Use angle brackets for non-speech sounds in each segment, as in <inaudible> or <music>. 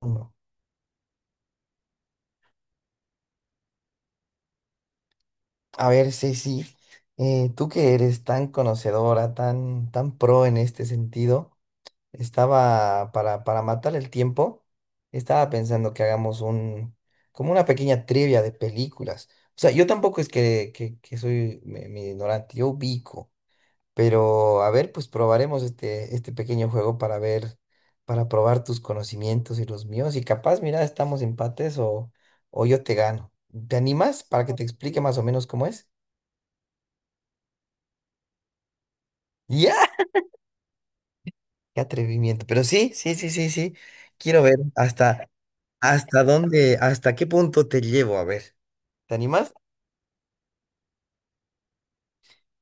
Uno. A ver, Ceci, tú que eres tan conocedora, tan pro en este sentido, estaba para matar el tiempo, estaba pensando que hagamos como una pequeña trivia de películas. O sea, yo tampoco es que soy mi, mi ignorante, yo ubico. Pero a ver, pues probaremos este pequeño juego para ver, para probar tus conocimientos y los míos. Y capaz, mira, estamos empates o yo te gano. ¿Te animas para que te explique más o menos cómo es? ¡Ya! ¡Qué atrevimiento! Pero sí, sí, sí, sí, sí. Quiero ver hasta, hasta dónde, hasta qué punto te llevo. A ver, ¿te animas?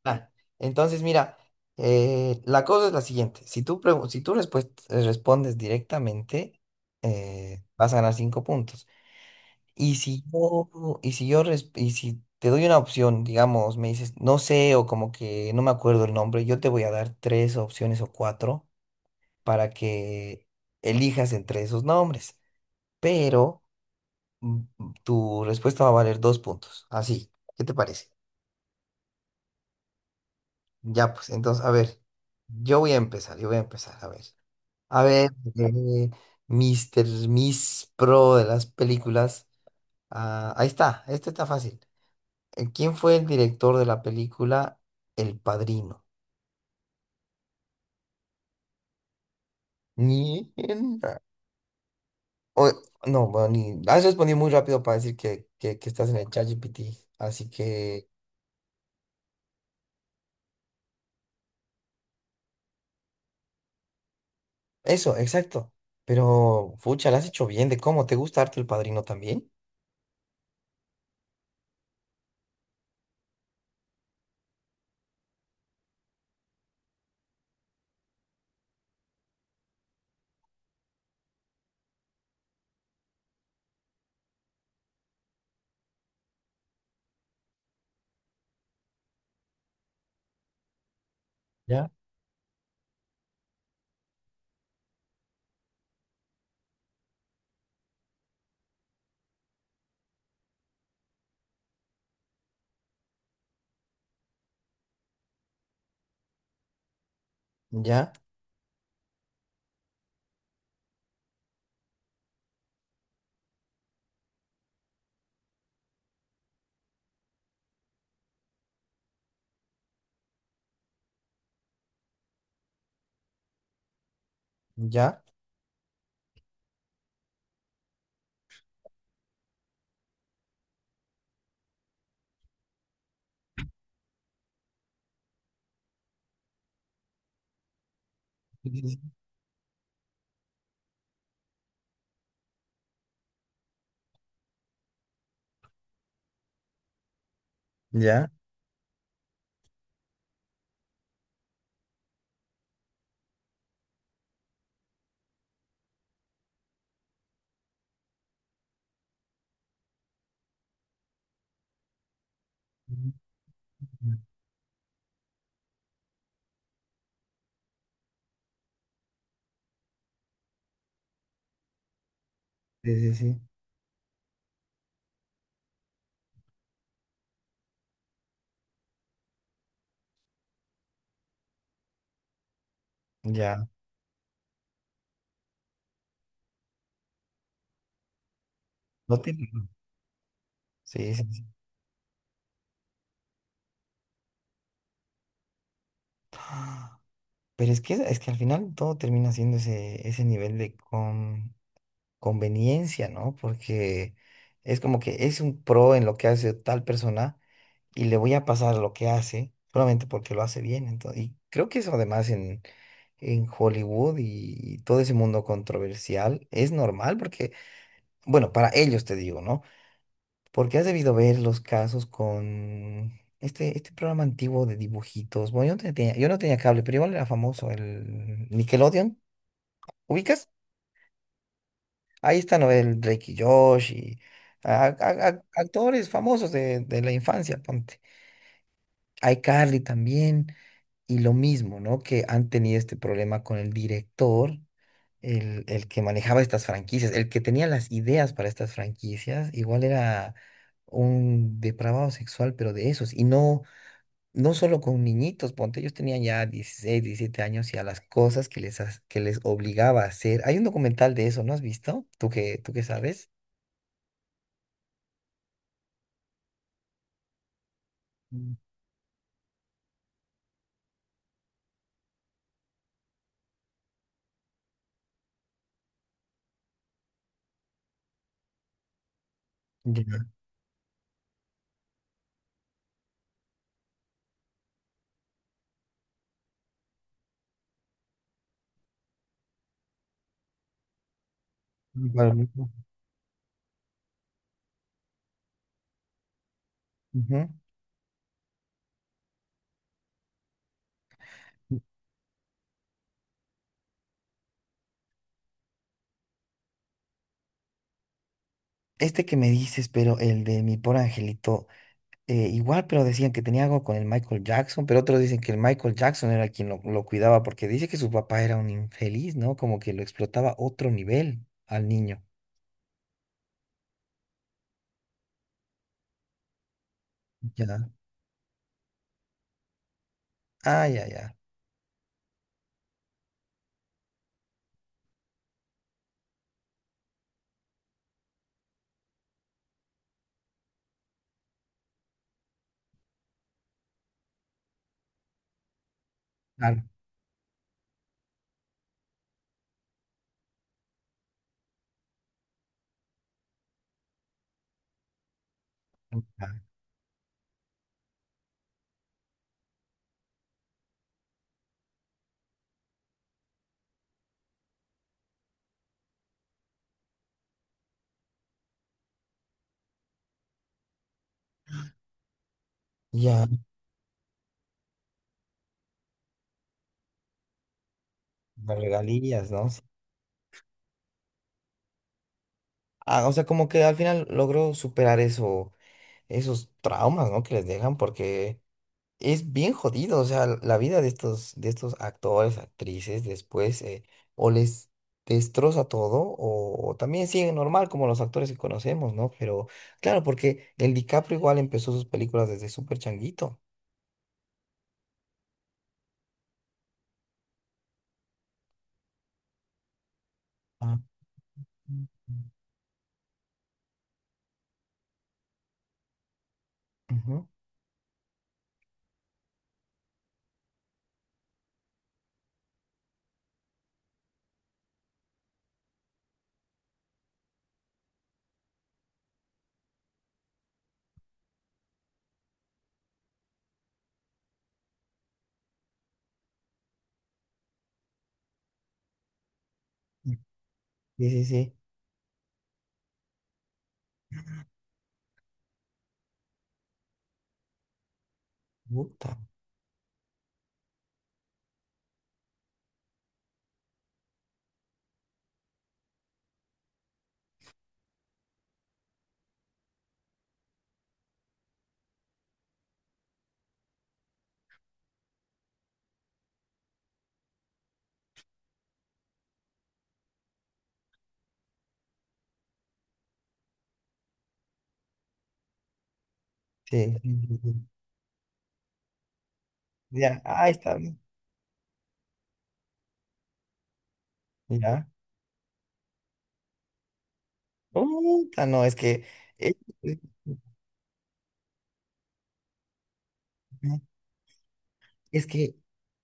Ah, entonces, mira, la cosa es la siguiente. Si tú, si tú respondes directamente, vas a ganar 5 puntos. Y si yo, y si yo, y si te doy una opción, digamos, me dices, no sé, o como que no me acuerdo el nombre, yo te voy a dar 3 opciones o 4 para que elijas entre esos nombres. Pero mm, tu respuesta va a valer 2 puntos. Así, ¿qué te parece? Ya, pues, entonces, a ver, yo voy a empezar, a ver. A ver, eh, Mr. Miss Pro de las películas. Ah, ahí está, este está fácil. ¿Quién fue el director de la película El Padrino? Ni en- o- No, bueno, ni, has respondido muy rápido para decir que estás en el ChatGPT. Así que eso, exacto. Pero, fucha, lo has hecho bien de cómo. ¿Te gusta harto El Padrino también? ¿Ya? Ya, ya, sí, ya. Sí, sí, sí, sí. Ya. No tiene. Sí, sí, sí. <gasps> Pero es que al final todo termina siendo ese nivel de con... conveniencia, ¿no? Porque es como que es un pro en lo que hace tal persona y le voy a pasar lo que hace solamente porque lo hace bien. Entonces, y creo que eso además en Hollywood y todo ese mundo controversial es normal porque, bueno, para ellos te digo, ¿no? Porque has debido ver los casos con este programa antiguo de dibujitos. Bueno, yo no tenía cable, pero igual era famoso, el Nickelodeon. ¿Ubicas? Ahí están, ¿no?, el Drake y Josh y actores famosos de la infancia, ponte. iCarly también, y lo mismo, ¿no?, que han tenido este problema con el director, el que manejaba estas franquicias, el que tenía las ideas para estas franquicias, igual era un depravado sexual, pero de esos, y no, no solo con niñitos, ponte, ellos tenían ya 16, 17 años y a las cosas que que les obligaba a hacer. Hay un documental de eso, ¿no has visto? Tú qué sabes? Ya, para mí, ¿no? Ujú. Este que me dices, pero el de mi por angelito, igual, pero decían que tenía algo con el Michael Jackson, pero otros dicen que el Michael Jackson era quien lo cuidaba, porque dice que su papá era un infeliz, ¿no? Como que lo explotaba a otro nivel al niño. Ya. Ah, ya, ya. Claro. Ya, ya, las regalías, ¿no? Sí. Ah, o sea, como que al final logró superar eso, esos traumas, ¿no? Que les dejan, porque es bien jodido, o sea, la vida de estos actores, actrices, después o les destroza todo o también siguen normal como los actores que conocemos, ¿no? Pero claro, porque el DiCaprio igual empezó sus películas desde súper changuito. Ah, ujú. Sí, sí, sí. Puta. Sí. Sí, sí, sí. Ya, ah, está bien. Ya. Puta, no, es que... eh, <laughs> es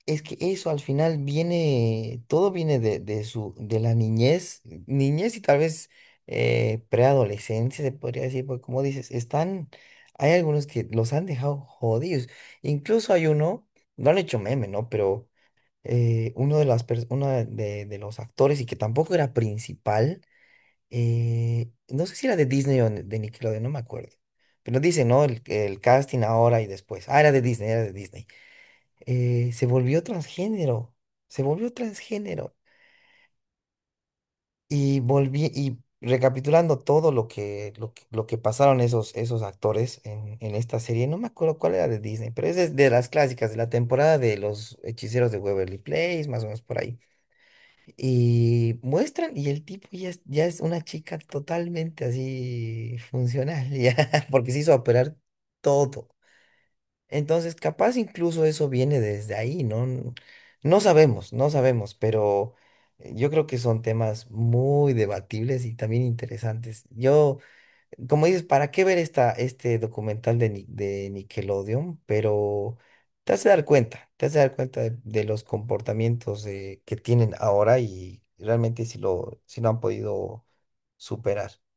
es que eso al final viene, todo viene de su, de la niñez, niñez y tal vez preadolescencia, se podría decir, porque como dices, están, hay algunos que los han dejado jodidos. Incluso hay uno, lo han hecho meme, ¿no? Pero uno de las uno de, de los actores y que tampoco era principal, no sé si era de Disney o de Nickelodeon, no me acuerdo. Pero dice, ¿no?, el casting ahora y después. Ah, era de Disney, era de Disney, se volvió transgénero, se volvió transgénero. Y volví, y recapitulando todo lo que pasaron esos, esos actores en esta serie, no me acuerdo cuál era de Disney, pero es de las clásicas, de la temporada de los hechiceros de Waverly Place, más o menos por ahí. Y muestran, y el tipo ya es una chica totalmente así funcional, <laughs> ya, porque se hizo operar todo. Entonces, capaz incluso eso viene desde ahí, ¿no? N- No sabemos, no sabemos, pero yo creo que son temas muy debatibles y también interesantes. Yo, como dices, ¿para qué ver este documental de, de Nickelodeon? Pero te hace dar cuenta de los comportamientos que tienen ahora y realmente si lo, si lo han podido superar.